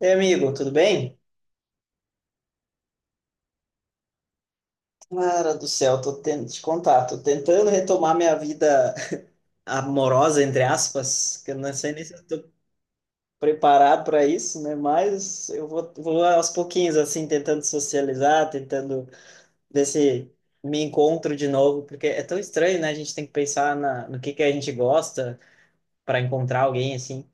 E amigo, tudo bem? Cara do céu, tô tentando te contar, tô tentando retomar minha vida amorosa, entre aspas, que eu não sei nem se eu tô preparado para isso, né? Mas eu vou aos pouquinhos, assim, tentando socializar, tentando ver se me encontro de novo, porque é tão estranho, né? A gente tem que pensar no que a gente gosta para encontrar alguém, assim.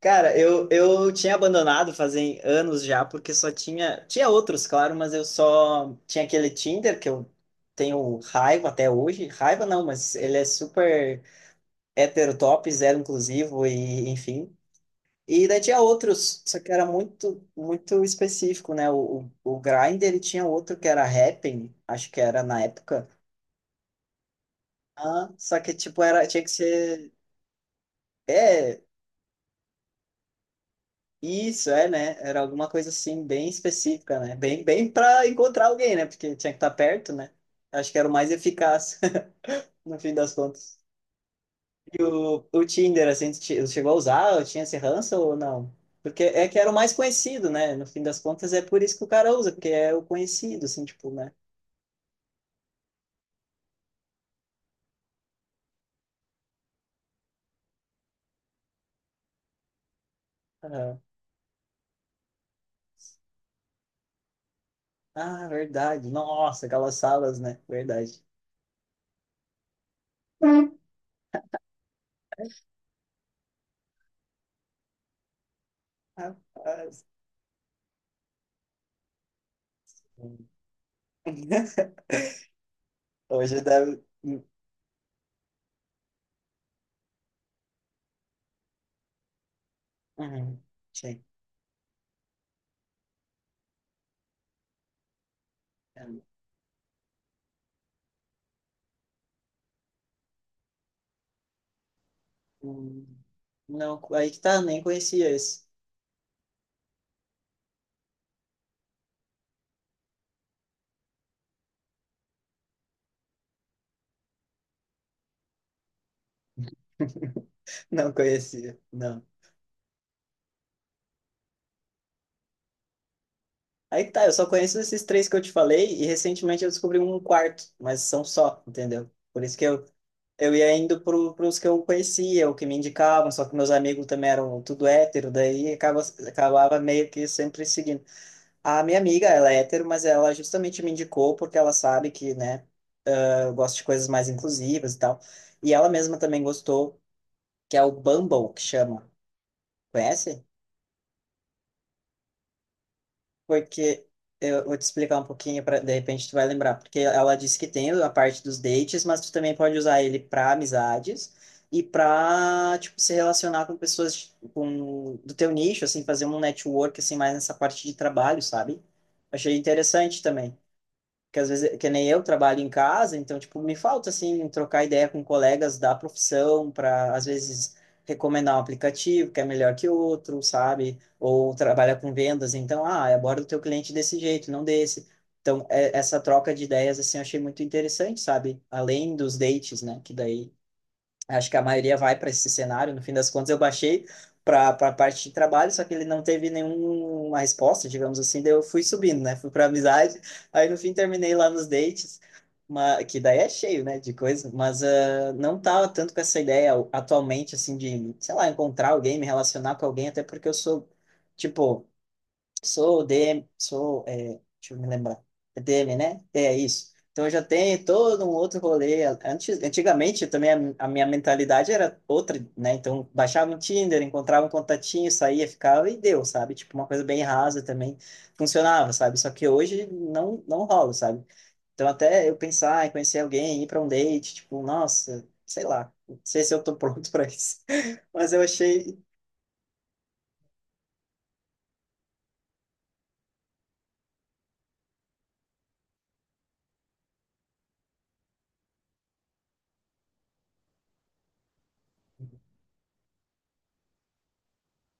Cara, eu tinha abandonado fazem anos já, porque só tinha. Tinha outros, claro, mas eu só tinha aquele Tinder que eu tenho raiva até hoje. Raiva não, mas ele é super heterotop zero inclusivo, e enfim. E daí tinha outros, só que era muito, muito específico, né? O Grindr e tinha outro que era Happn, acho que era na época. Ah, só que, tipo, era, tinha que ser. É. Isso, é, né? Era alguma coisa assim, bem específica, né? Bem, bem para encontrar alguém, né? Porque tinha que estar perto, né? Acho que era o mais eficaz, no fim das contas. E o Tinder, assim, chegou a usar? Ou tinha esse ranço ou não? Porque é que era o mais conhecido, né? No fim das contas, é por isso que o cara usa, porque é o conhecido, assim, tipo, né? Aham. Ah, verdade. Nossa, aquelas salas, né? Verdade. Hum. Rapaz. Hoje deve. Uhum. Sim. Hum, não, aí que tá, nem conhecia esse. Não conhecia, não. Aí que tá, eu só conheço esses três que eu te falei e recentemente eu descobri um quarto, mas são só, entendeu? Por isso que eu ia indo pros que eu conhecia, o que me indicavam, só que meus amigos também eram tudo hétero, daí acabava meio que sempre seguindo. A minha amiga, ela é hétero, mas ela justamente me indicou porque ela sabe que, né, eu gosto de coisas mais inclusivas e tal. E ela mesma também gostou, que é o Bumble, que chama. Conhece? Porque eu vou te explicar um pouquinho para de repente tu vai lembrar, porque ela disse que tem a parte dos dates, mas tu também pode usar ele para amizades e para tipo se relacionar com pessoas com do teu nicho, assim, fazer um network assim mais nessa parte de trabalho, sabe? Achei interessante também que às vezes, que nem eu trabalho em casa, então, tipo, me falta, assim, trocar ideia com colegas da profissão para, às vezes, recomendar um aplicativo que é melhor que outro, sabe? Ou trabalha com vendas, então, ah, aborda o teu cliente desse jeito, não desse. Então, essa troca de ideias, assim, eu achei muito interessante, sabe? Além dos dates, né? Que daí acho que a maioria vai para esse cenário. No fim das contas, eu baixei para a parte de trabalho, só que ele não teve nenhuma resposta, digamos assim. Daí eu fui subindo, né? Fui para amizade. Aí no fim terminei lá nos dates, que daí é cheio, né, de coisa. Mas ah, não tava tanto com essa ideia atualmente, assim, de, sei lá, encontrar alguém, me relacionar com alguém, até porque eu sou, tipo, sou DM, sou, é, deixa eu me lembrar, é DM, né? É isso. Então eu já tenho todo um outro rolê. Antes, antigamente também a minha mentalidade era outra, né? Então baixava um Tinder, encontrava um contatinho, saía, ficava e deu, sabe? Tipo uma coisa bem rasa também funcionava, sabe? Só que hoje não rola, sabe? Então até eu pensar em conhecer alguém, ir para um date, tipo, nossa, sei lá, não sei se eu tô pronto para isso. Mas eu achei.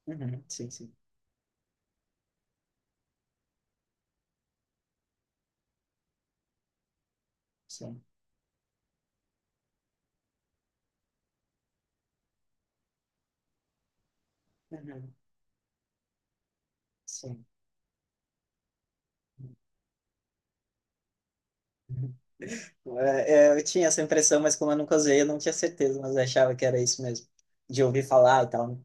Uhum, sim, sim, sim. Uhum, sim. É, é, eu tinha essa impressão, mas como eu nunca usei, eu não tinha certeza, mas eu achava que era isso mesmo, de ouvir falar e tal, né?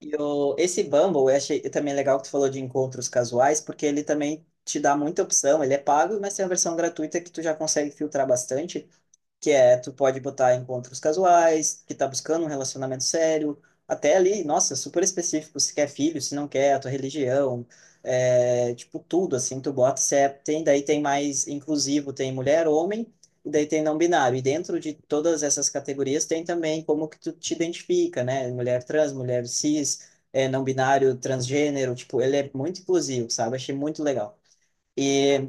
E esse Bumble, eu achei também legal que tu falou de encontros casuais, porque ele também te dá muita opção, ele é pago, mas tem a versão gratuita que tu já consegue filtrar bastante, que é tu pode botar encontros casuais, que tá buscando um relacionamento sério, até ali, nossa, super específico, se quer filho, se não quer, a tua religião, é, tipo, tudo, assim, tu bota, se é, tem, daí tem mais inclusivo, tem mulher, homem, e daí tem não binário, e dentro de todas essas categorias tem também como que tu te identifica, né, mulher trans, mulher cis, é, não binário, transgênero, tipo, ele é muito inclusivo, sabe, achei muito legal. E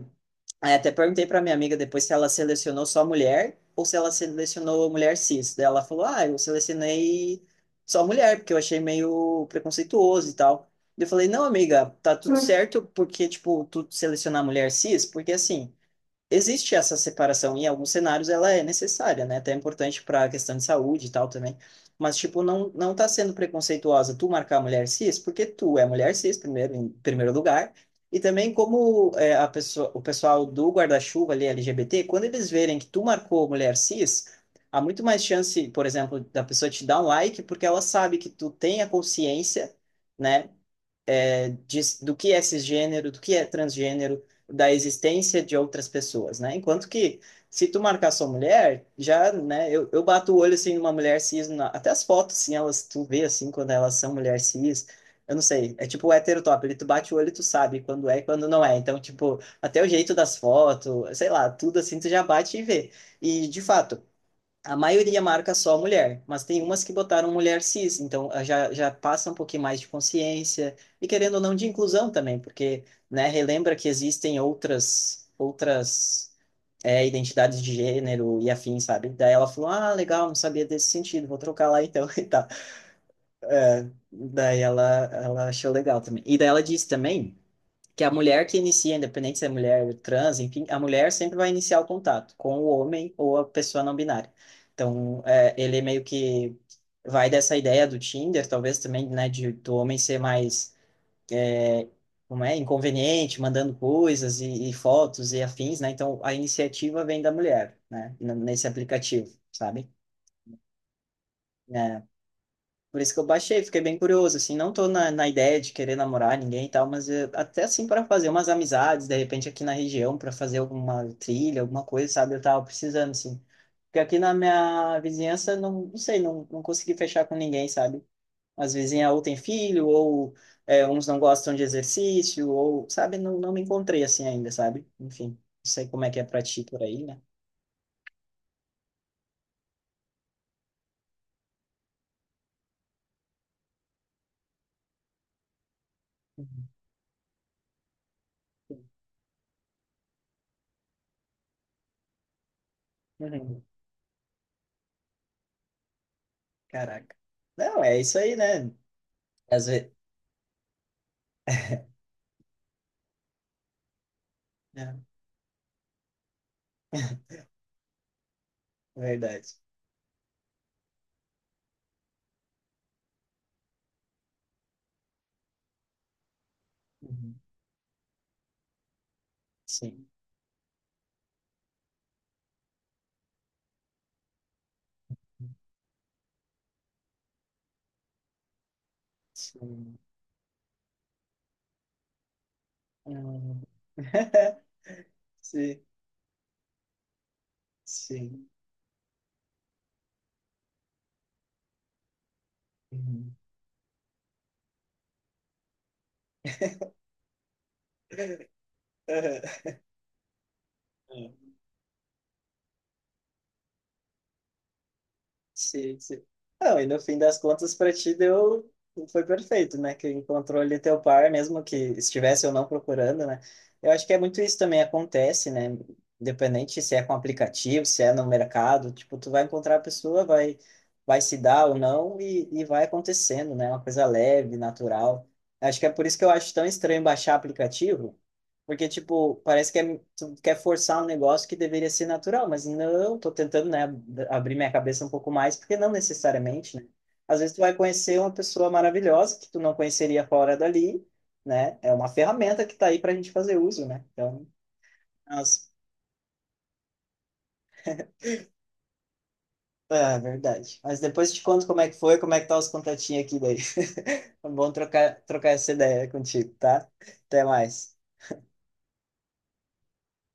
aí até perguntei para minha amiga depois se ela selecionou só mulher ou se ela selecionou mulher cis. Daí ela falou: Ah, eu selecionei só mulher, porque eu achei meio preconceituoso e tal. Eu falei: Não, amiga, tá tudo certo porque, tipo, tu selecionar mulher cis, porque assim existe essa separação, e em alguns cenários ela é necessária, né? Até é importante para a questão de saúde e tal também. Mas, tipo, não, não tá sendo preconceituosa tu marcar a mulher cis, porque tu é mulher cis, primeiro, em primeiro lugar. E também como é, a pessoa, o pessoal do guarda-chuva ali, LGBT, quando eles verem que tu marcou mulher cis, há muito mais chance, por exemplo, da pessoa te dar um like, porque ela sabe que tu tem a consciência, né, é, de, do que é cisgênero, do que é transgênero, da existência de outras pessoas, né? Enquanto que, se tu marcar sua mulher, já, né, eu bato o olho, assim, numa mulher cis, na, até as fotos, assim, elas, tu vê, assim, quando elas são mulher cis, eu não sei, é tipo o hétero top, ele tu bate o olho e tu sabe quando é e quando não é. Então, tipo, até o jeito das fotos, sei lá, tudo assim, tu já bate e vê. E, de fato, a maioria marca só mulher, mas tem umas que botaram mulher cis, então ah, já, já passa um pouquinho mais de consciência e querendo ou não de inclusão também, porque, né, relembra que existem outras é, identidades de gênero e afins, sabe? Daí ela falou, ah, legal, não sabia desse sentido, vou trocar lá então e tal. Daí ela achou legal também. E daí ela disse também que a mulher que inicia, independente se é mulher trans, enfim, a mulher sempre vai iniciar o contato com o homem ou a pessoa não binária. Então, é, ele meio que vai dessa ideia do Tinder, talvez também, né, de, do homem ser mais, é, como é, inconveniente, mandando coisas e fotos e afins, né? Então, a iniciativa vem da mulher, né, nesse aplicativo, sabe? É, por isso que eu baixei, fiquei bem curioso, assim, não tô na, na ideia de querer namorar ninguém e tal, mas até assim para fazer umas amizades, de repente aqui na região, para fazer alguma trilha, alguma coisa, sabe? Eu tava precisando, assim. Porque aqui na minha vizinhança, não, não sei, não, não consegui fechar com ninguém, sabe? As vizinhas ou tem filho, ou uns não gostam de exercício, ou, sabe? Não, não me encontrei assim ainda, sabe? Enfim, não sei como é que é pra ti por aí, né? Uhum. Uhum. Caraca. Não, é isso aí, né? Às vezes. É, verdade. Uhum. Sim, sim. Uhum. Sim, sim. Uhum. Uhum. Sim, sim. Não, e no fim das contas, para ti deu. Foi perfeito, né? Que encontrou ali teu par, mesmo que estivesse ou não procurando, né? Eu acho que é muito isso também acontece, né? Independente se é com aplicativo, se é no mercado, tipo, tu vai encontrar a pessoa, vai, se dar ou não e vai acontecendo, né? Uma coisa leve, natural. Acho que é por isso que eu acho tão estranho baixar aplicativo. Porque, tipo, parece que é, tu quer forçar um negócio que deveria ser natural, mas não, tô tentando, né, abrir minha cabeça um pouco mais, porque não necessariamente, né? Às vezes tu vai conhecer uma pessoa maravilhosa que tu não conheceria fora dali, né? É uma ferramenta que tá aí pra gente fazer uso, né? Então, as... é verdade. Mas depois eu te conto como é que foi, como é que tá os contatinhos aqui daí. É bom trocar essa ideia contigo, tá? Até mais.